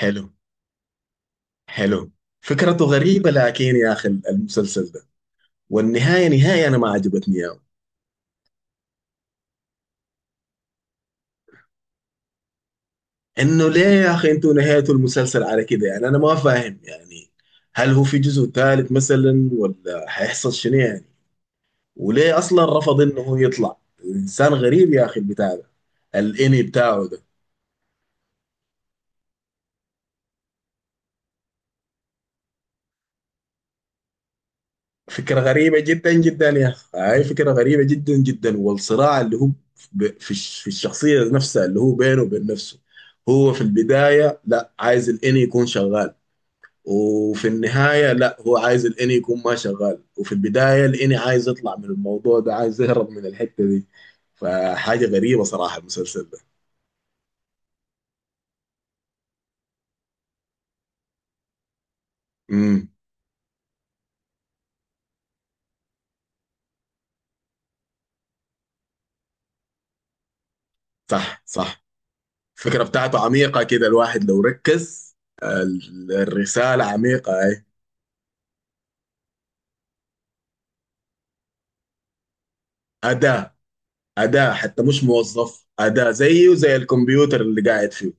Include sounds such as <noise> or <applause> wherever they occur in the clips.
حلو. حلو. فكرته غريبة لكن يا أخي المسلسل ده. والنهاية أنا ما عجبتني يا. إنه ليه يا أخي أنتوا نهايتوا المسلسل على كده؟ يعني أنا ما فاهم يعني. هل هو في جزء ثالث مثلا ولا هيحصل شنو يعني؟ وليه أصلا رفض إنه هو يطلع؟ إنسان غريب يا أخي البتاع ده، الإني بتاعه ده. فكرة غريبة جدا جدا يا أخي، هاي فكرة غريبة جدا جدا، والصراع اللي هو في في الشخصية نفسها اللي هو بينه وبين نفسه. هو في البداية لا عايز الإني يكون شغال، وفي النهاية لا هو عايز الإني يكون ما شغال، وفي البداية الإني عايز يطلع من الموضوع ده، عايز يهرب من الحتة دي. فحاجة غريبة صراحة المسلسل ده. امم. صح صح. الفكرة بتاعته عميقة كده، الواحد لو ركز. الرسالة عميقة، أي. أداة. أداة حتى مش موظف، أداة زيه وزي الكمبيوتر اللي قاعد فيه.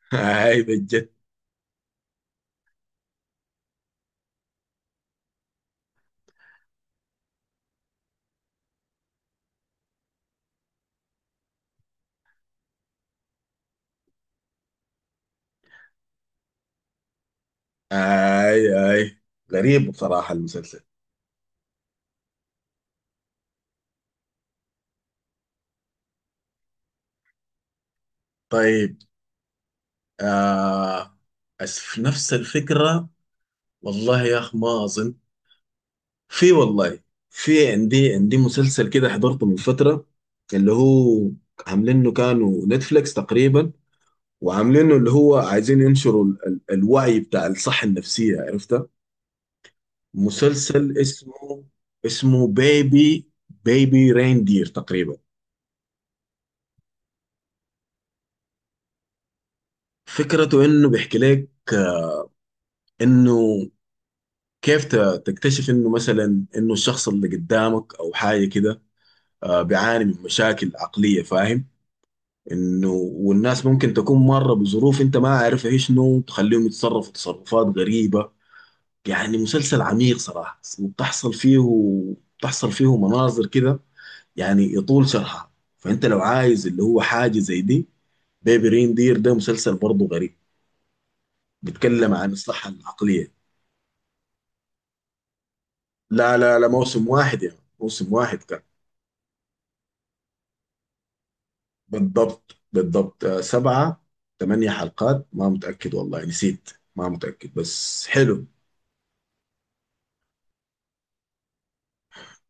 <laughs> هاي بجد. هاي. هاي. غريب بصراحة المسلسل. طيب. آه. في نفس الفكرة، والله يا أخ ما أظن. في والله. في. عندي مسلسل كده حضرته من فترة، اللي هو عاملينه كانوا نتفليكس تقريبا، وعاملينه اللي هو عايزين ينشروا الوعي بتاع الصحة النفسية، عرفتها. مسلسل اسمه، اسمه بيبي ريندير تقريبا. فكرته انه بيحكي لك انه كيف تكتشف انه مثلا انه الشخص اللي قدامك او حاجه كده، بيعاني من مشاكل عقليه، فاهم. انه والناس ممكن تكون مره بظروف انت ما عارفها ايش شنو، تخليهم يتصرفوا تصرفات غريبه. يعني مسلسل عميق صراحه، وبتحصل فيه بتحصل فيه مناظر كده، يعني يطول شرحها. فانت لو عايز اللي هو حاجه زي دي، بيبي ريندير ده مسلسل برضه غريب، بيتكلم عن الصحة العقلية. لا لا لا، موسم واحد يا يعني. موسم واحد كان. بالضبط بالضبط. سبعة ثمانية حلقات، ما متأكد والله، نسيت. ما متأكد بس حلو.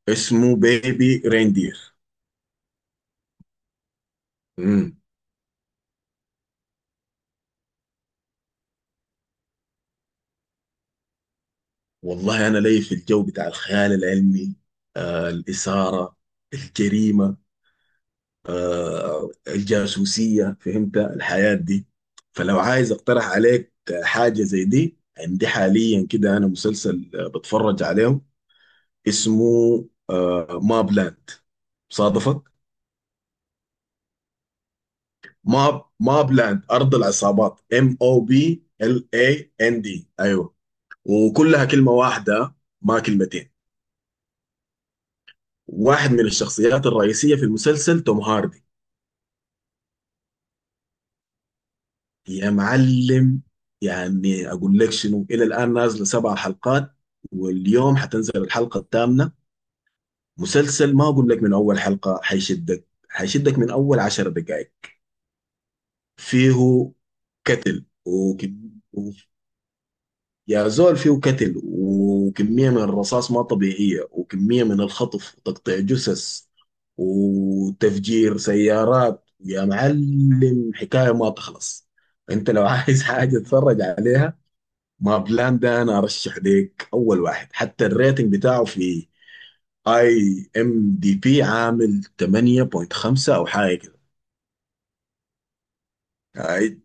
اسمه بيبي ريندير. امم. والله أنا لي في الجو بتاع الخيال العلمي، آه الإثارة، الجريمة، الجاسوسية، فهمت الحياة دي. فلو عايز اقترح عليك حاجة زي دي، عندي حاليا كده انا مسلسل بتفرج عليه، اسمه ماب لاند، صادفك؟ ماب لاند، ارض العصابات، ام او بي ال اي ان دي، ايوه. وكلها كلمة واحدة، ما كلمتين. واحد من الشخصيات الرئيسية في المسلسل توم هاردي. يا معلم، يعني اقول لك شنو، الى الان نازله سبع حلقات، واليوم حتنزل الحلقه الثامنه. مسلسل، ما اقول لك من اول حلقه حيشدك من اول 10 دقائق. فيه قتل وكم... و- يا زول فيه قتل، وكميه من الرصاص ما طبيعيه، وكميه من الخطف وتقطيع جثث وتفجير سيارات، يا معلم حكايه ما تخلص. انت لو <laughs> عايز حاجه تتفرج عليها، ما بلان ده انا ارشح ليك اول واحد، حتى الريتنج بتاعه في اي ام دي بي عامل 8.5 او حاجه كده. هاي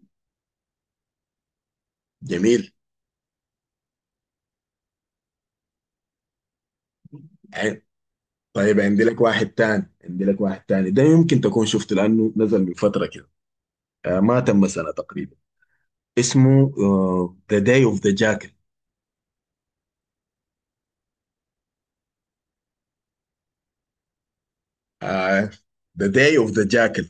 جميل. هاي. طيب عندي لك واحد تاني، عندي لك واحد تاني ده يمكن تكون شفته لانه نزل من فتره كده، آه ما تم سنه تقريبا. اسمه ذا داي اوف ذا جاكل. ذا داي اوف ذا جاكل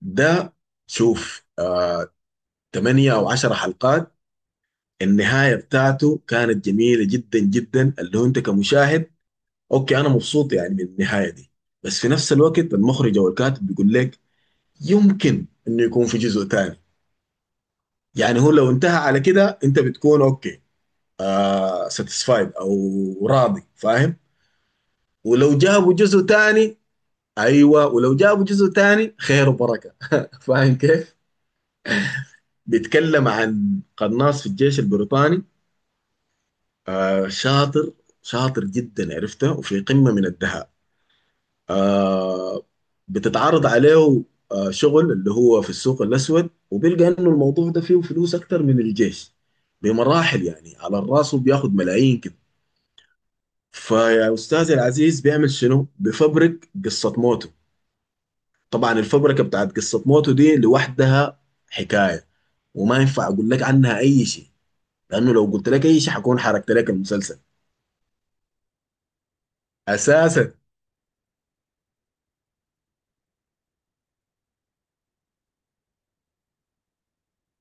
ده، شوف آه 8 او 10 حلقات. النهايه بتاعته كانت جميله جدا جدا، اللي هو انت كمشاهد اوكي انا مبسوط يعني من النهايه دي. بس في نفس الوقت المخرج او الكاتب بيقول لك يمكن انه يكون في جزء تاني. يعني هو لو انتهى على كده انت بتكون اوكي، آه ساتيسفايد او راضي، فاهم. ولو جابوا جزء تاني، ايوه ولو جابوا جزء تاني خير وبركه <laughs> فاهم كيف. بيتكلم عن قناص في الجيش البريطاني، آه شاطر، شاطر جدا عرفته، وفي قمه من الدهاء، آه. بتتعرض عليه آه شغل اللي هو في السوق الأسود، وبيلقى إنه الموضوع ده فيه فلوس أكتر من الجيش بمراحل، يعني على الراس، وبياخد ملايين كده. فيا أستاذي العزيز بيعمل شنو؟ بفبرك قصة موته. طبعا الفبركة بتاعت قصة موته دي لوحدها حكاية، وما ينفع أقول لك عنها أي شيء، لأنه لو قلت لك أي شيء حكون حركت لك المسلسل أساسا.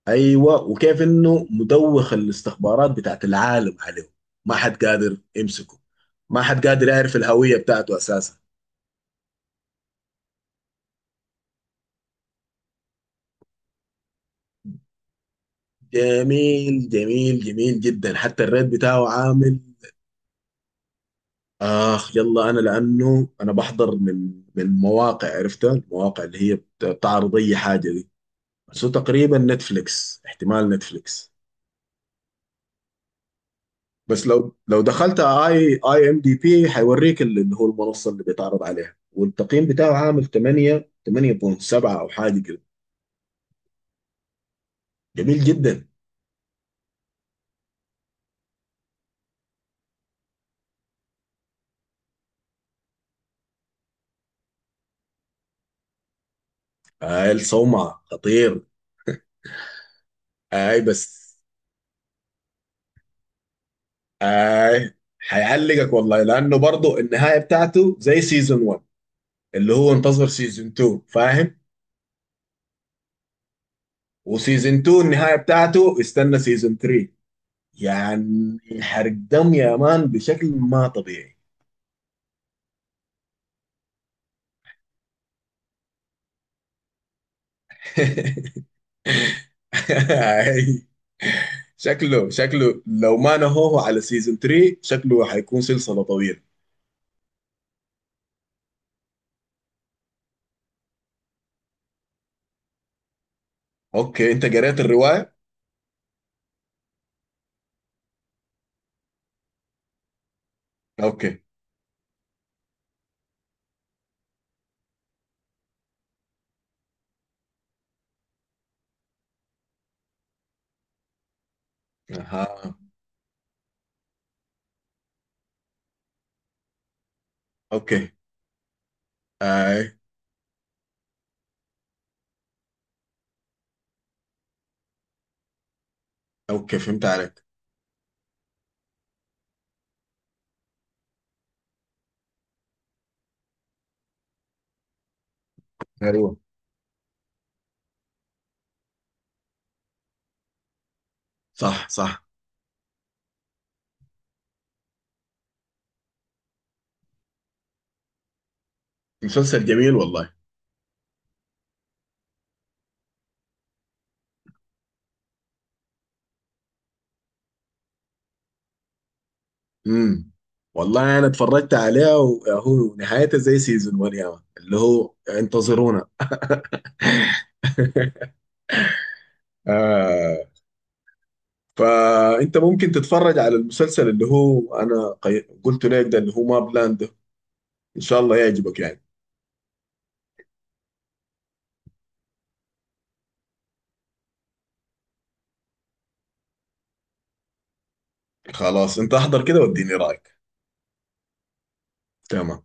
ايوه، وكيف انه مدوخ الاستخبارات بتاعت العالم عليه، ما حد قادر يمسكه، ما حد قادر يعرف الهويه بتاعته اساسا. جميل جميل جميل جدا، حتى الريت بتاعه عامل. اخ يلا انا، لانه انا بحضر من مواقع عرفتها، المواقع اللي هي بتعرض اي حاجه دي. بس هو تقريبا نتفليكس، احتمال نتفليكس. بس لو دخلت اي ام دي بي، هيوريك اللي هو المنصه اللي بيتعرض عليها، والتقييم بتاعه عامل 8 8.7 او حاجه كده. جميل جدا. اي الصومعه خطير. اي بس. اي. هيعلقك والله، لانه برضه النهايه بتاعته زي سيزون 1، اللي هو انتظر سيزون 2، فاهم. وسيزون 2 النهايه بتاعته استنى سيزون 3. يعني حرق دم يا مان بشكل ما طبيعي. <laughs> شكله لو ما نهوه على سيزون 3 شكله حيكون سلسلة طويلة. اوكي انت قريت الرواية؟ اوكي. اها. اوكي. اي. اوكي فهمت عليك. ايوه. صح صح. مسلسل جميل والله. امم. والله انا اتفرجت عليه، وهو نهايته زي سيزون 1 يا مان، اللي هو انتظرونا، آه. فانت ممكن تتفرج على المسلسل اللي هو انا قلت لك ده اللي هو ما بلاند ده، ان شاء الله يعجبك يعني. خلاص انت احضر كده واديني رايك. تمام.